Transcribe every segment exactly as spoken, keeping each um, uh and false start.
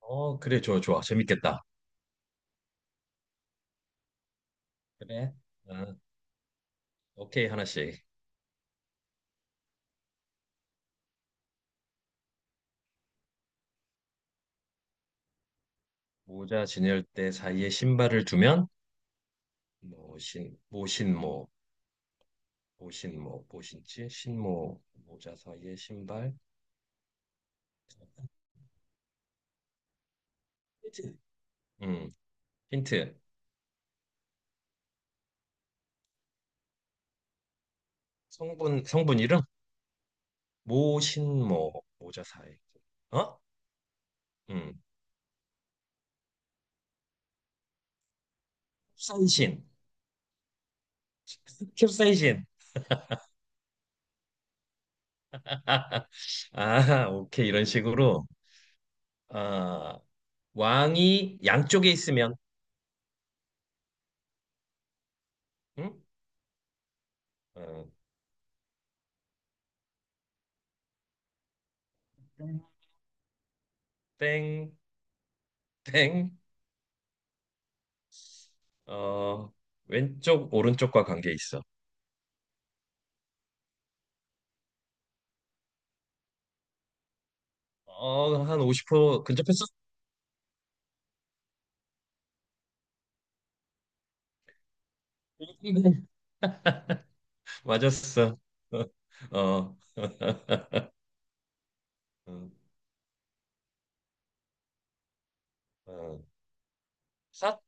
어, 그래, 좋아, 좋아. 재밌겠다. 그래. 아, 오케이, 하나씩. 모자 진열대 사이에 신발을 두면, 뭐, 신, 모신모, 모신모, 모신치, 신모, 모자 사이에 신발. 힌트. 음. 힌트. 성분, 성분 이름? 모신모, 모자 사이. 어? 음, 캡사이신. 캡사이신. 아, 오케이. 이런 식으로. 아, 왕이 양쪽에 있으면, 응? 어, 땡, 땡. 어, 왼쪽, 오른쪽과 관계 있어. 어, 한 오십 퍼센트 근접했었어. 맞았어. 어. 어, 어. 삿?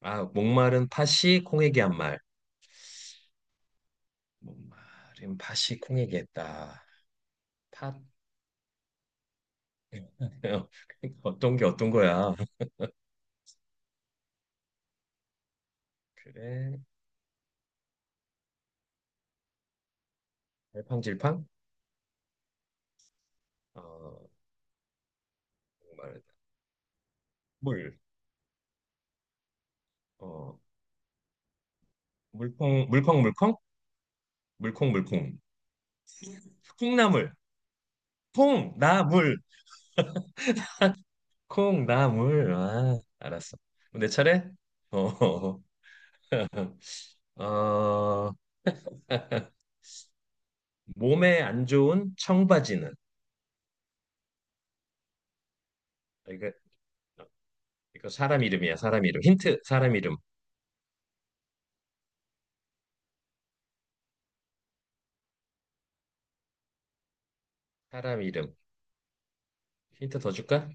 아, 목마른 팥이 콩에게 한 말. 목마른 팥이 콩에게 했다. 팥. 어떤 게 어떤 거야? 그래. 갈팡질팡? 어, 목마르다. 물. 어, 물콩, 물컹물컹? 물콩물콩. 콩나물. 콩나물. 콩나물. 아, 알았어. 내 차례? 어. 어, 몸에 안 좋은 청바지는? 아, 이거, 이거 사람 이름이야, 사람 이름. 힌트, 사람 이름. 사람 이름. 힌트 더 줄까?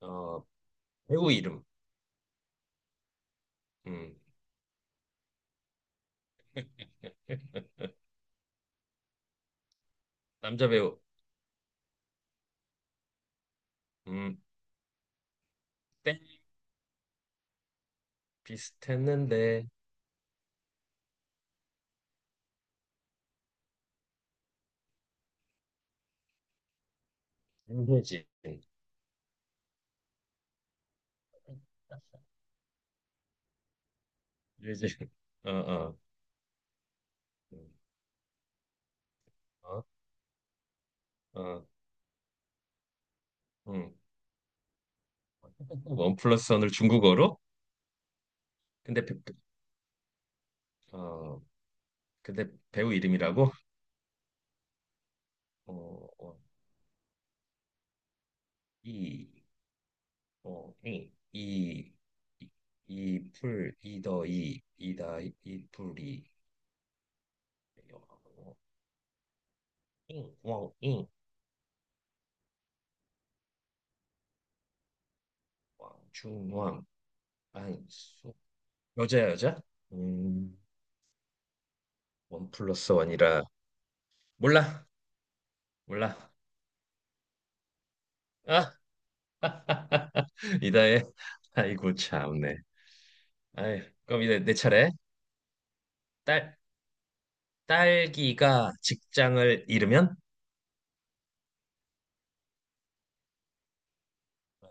어, 배우 이름. 음, 남자 배우. 음, 땡. 비슷했는데, 윤혜진. 윤혜진. 어, 어. 음. 어, 어. 음. 원 플러스 원을 중국어로? 근데, 배- 어, 근데 배우 이름이라고? 어, 어, 이, 어, 이, 이, 이, 이 풀, 이더 이, 이다 이 풀이, 어, 잉, 왕, 잉, 왕, 중, 왕, 안, 수. 여자야, 여자? 음, 원 플러스 원이라. 몰라, 몰라. 아, 이다의, 아이고, 참네. 아이, 그럼 이제 내 차례. 딸, 딸기가 직장을 잃으면? 어,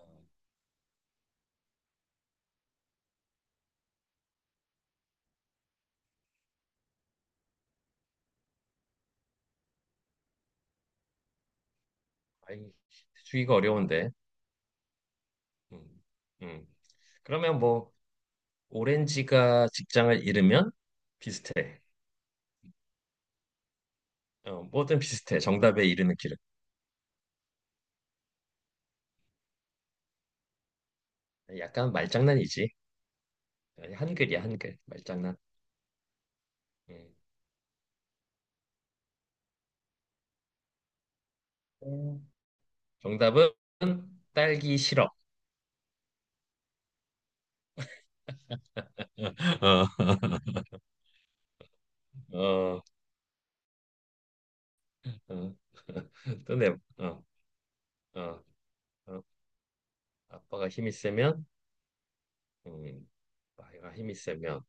아이, 주기가 어려운데. 음, 음. 그러면 뭐 오렌지가 직장을 잃으면 비슷해. 어, 뭐든 비슷해. 정답에 이르는 길은. 약간 말장난이지. 한글이야, 한글. 말장난. 음. 음. 정답은 딸기 시럽. 어, 어, 어. 또 내, 어, 어, 어. 아빠가 힘이 세면, 음, 아이가 힘이 세면,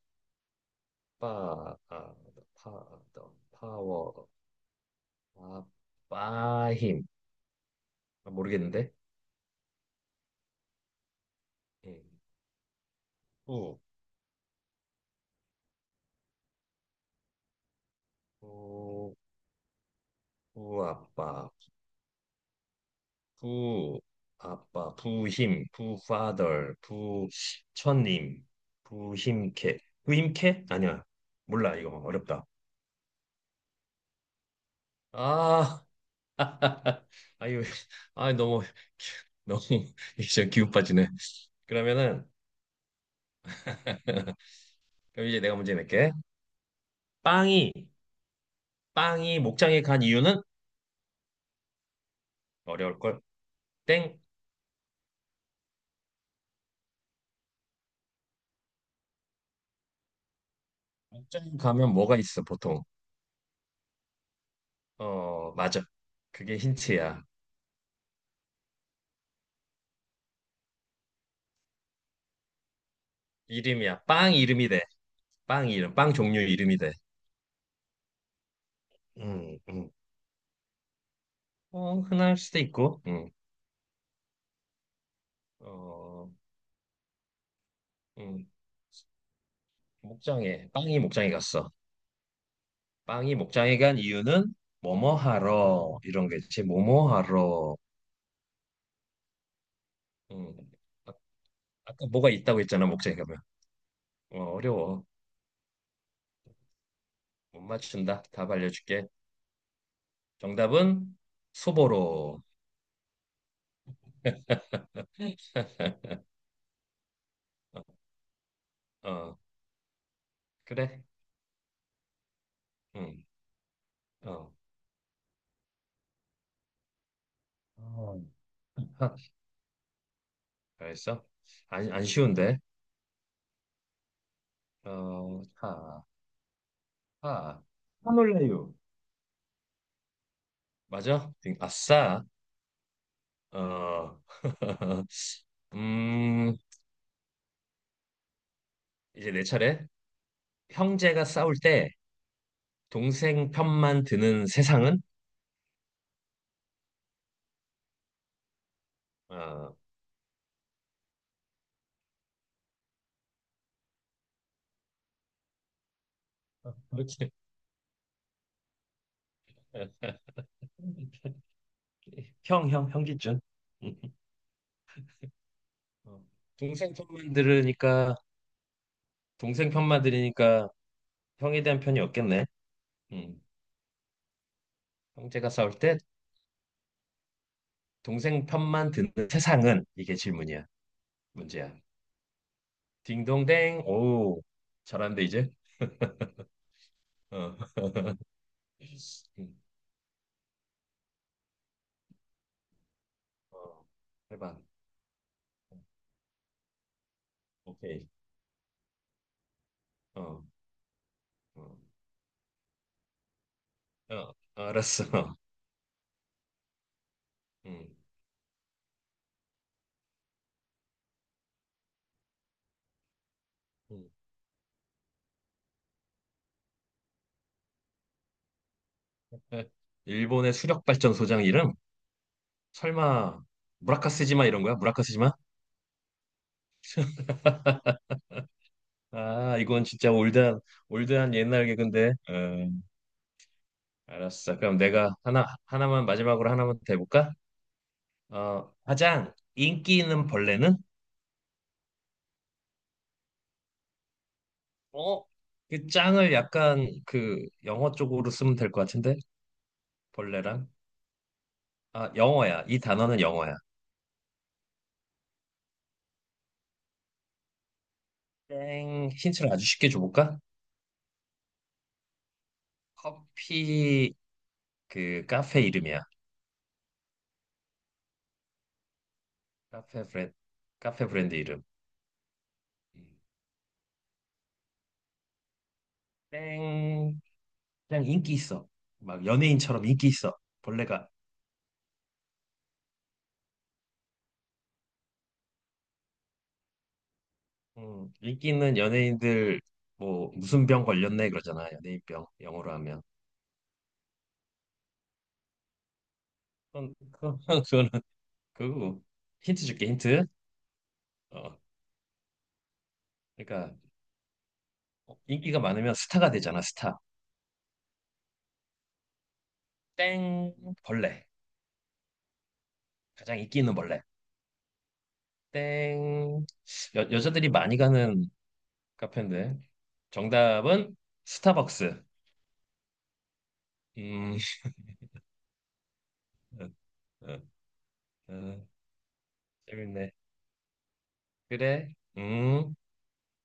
파, 아, 파, 더, 파워, 아빠 힘. 아, 모르겠는데? 음. 부, 부, 부아빠, 부, 아빠, 부힘, 부파덜, 부처님, 부힘캐. 부힘캐? 아니야. 몰라, 이거 어렵다. 아, 아유, 아 너무, 너무. 이제 기운 빠지네. 그러면은, 그럼 이제 내가 문제 낼게. 빵이, 빵이 목장에 간 이유는? 어려울걸? 땡. 목장에 가면 뭐가 있어, 보통? 어, 맞아. 그게 힌트야. 이름이야. 빵 이름이 돼. 빵 이름, 빵 종류 이름이 돼. 음, 음. 어, 흔할 수도 있고, 음. 어, 음. 목장에, 빵이 목장에 갔어. 빵이 목장에 간 이유는 뭐뭐 하러, 이런 거지 뭐뭐 하러. 음. 아, 아까 뭐가 있다고 했잖아, 목장에 가면. 어, 어려워. 못 맞춘다. 답 알려줄게. 정답은 소보로. 어, 어, 그래. 음, 어. 어. 잘했어. 안, 안 쉬운데. 어, 하, 하, 하놀래요. 맞아? 아싸. 어. 음, 이제 내 차례. 형제가 싸울 때 동생 편만 드는 세상은? 어, 그렇지. 형, 형, 형기준. 어, 동생 편만 들으니까, 동생 편만 들으니까 형에 대한 편이 없겠네. 음, 형제가 싸울 때 동생 편만 드는 세상은? 이게 질문이야. 문제야. 딩동댕. 오, 잘한데, 이제? 어. 음, 어. 해반. 오케이. 어. 어. 어, 알았어. 음. 음. 에, 일본의 수력 발전소장 이름? 설마 무라카스지마 이런 거야? 무라카스지마? 아, 이건 진짜 올드한 올드한 옛날 개근데. 어, 알았어. 그럼 내가 하나 하나만 마지막으로 하나만 더 해볼까? 어, 가장 인기 있는 벌레는? 어? 그 짱을 약간 그 영어 쪽으로 쓰면 될 것 같은데? 벌레랑? 아, 영어야. 이 단어는 영어야. 땡. 힌트를 아주 쉽게 줘볼까? 커피 그 카페 이름이야. 카페 브랜드 카페 브랜드 이름. 땡. 그냥 인기 있어. 막 연예인처럼 인기 있어. 벌레가. 음, 인기 있는 연예인들 뭐 무슨 병 걸렸네 그러잖아. 연예인병 영어로 하면. 그건 그건 그거는 그거고. 힌트 줄게 힌트. 어 그러니까 인기가 많으면 스타가 되잖아 스타. 땡. 벌레 가장 인기 있는 벌레. 땡. 여, 여자들이 많이 가는 카페인데. 정답은 스타벅스. 음, 어, 어, 어, 재밌네. 그래. 음.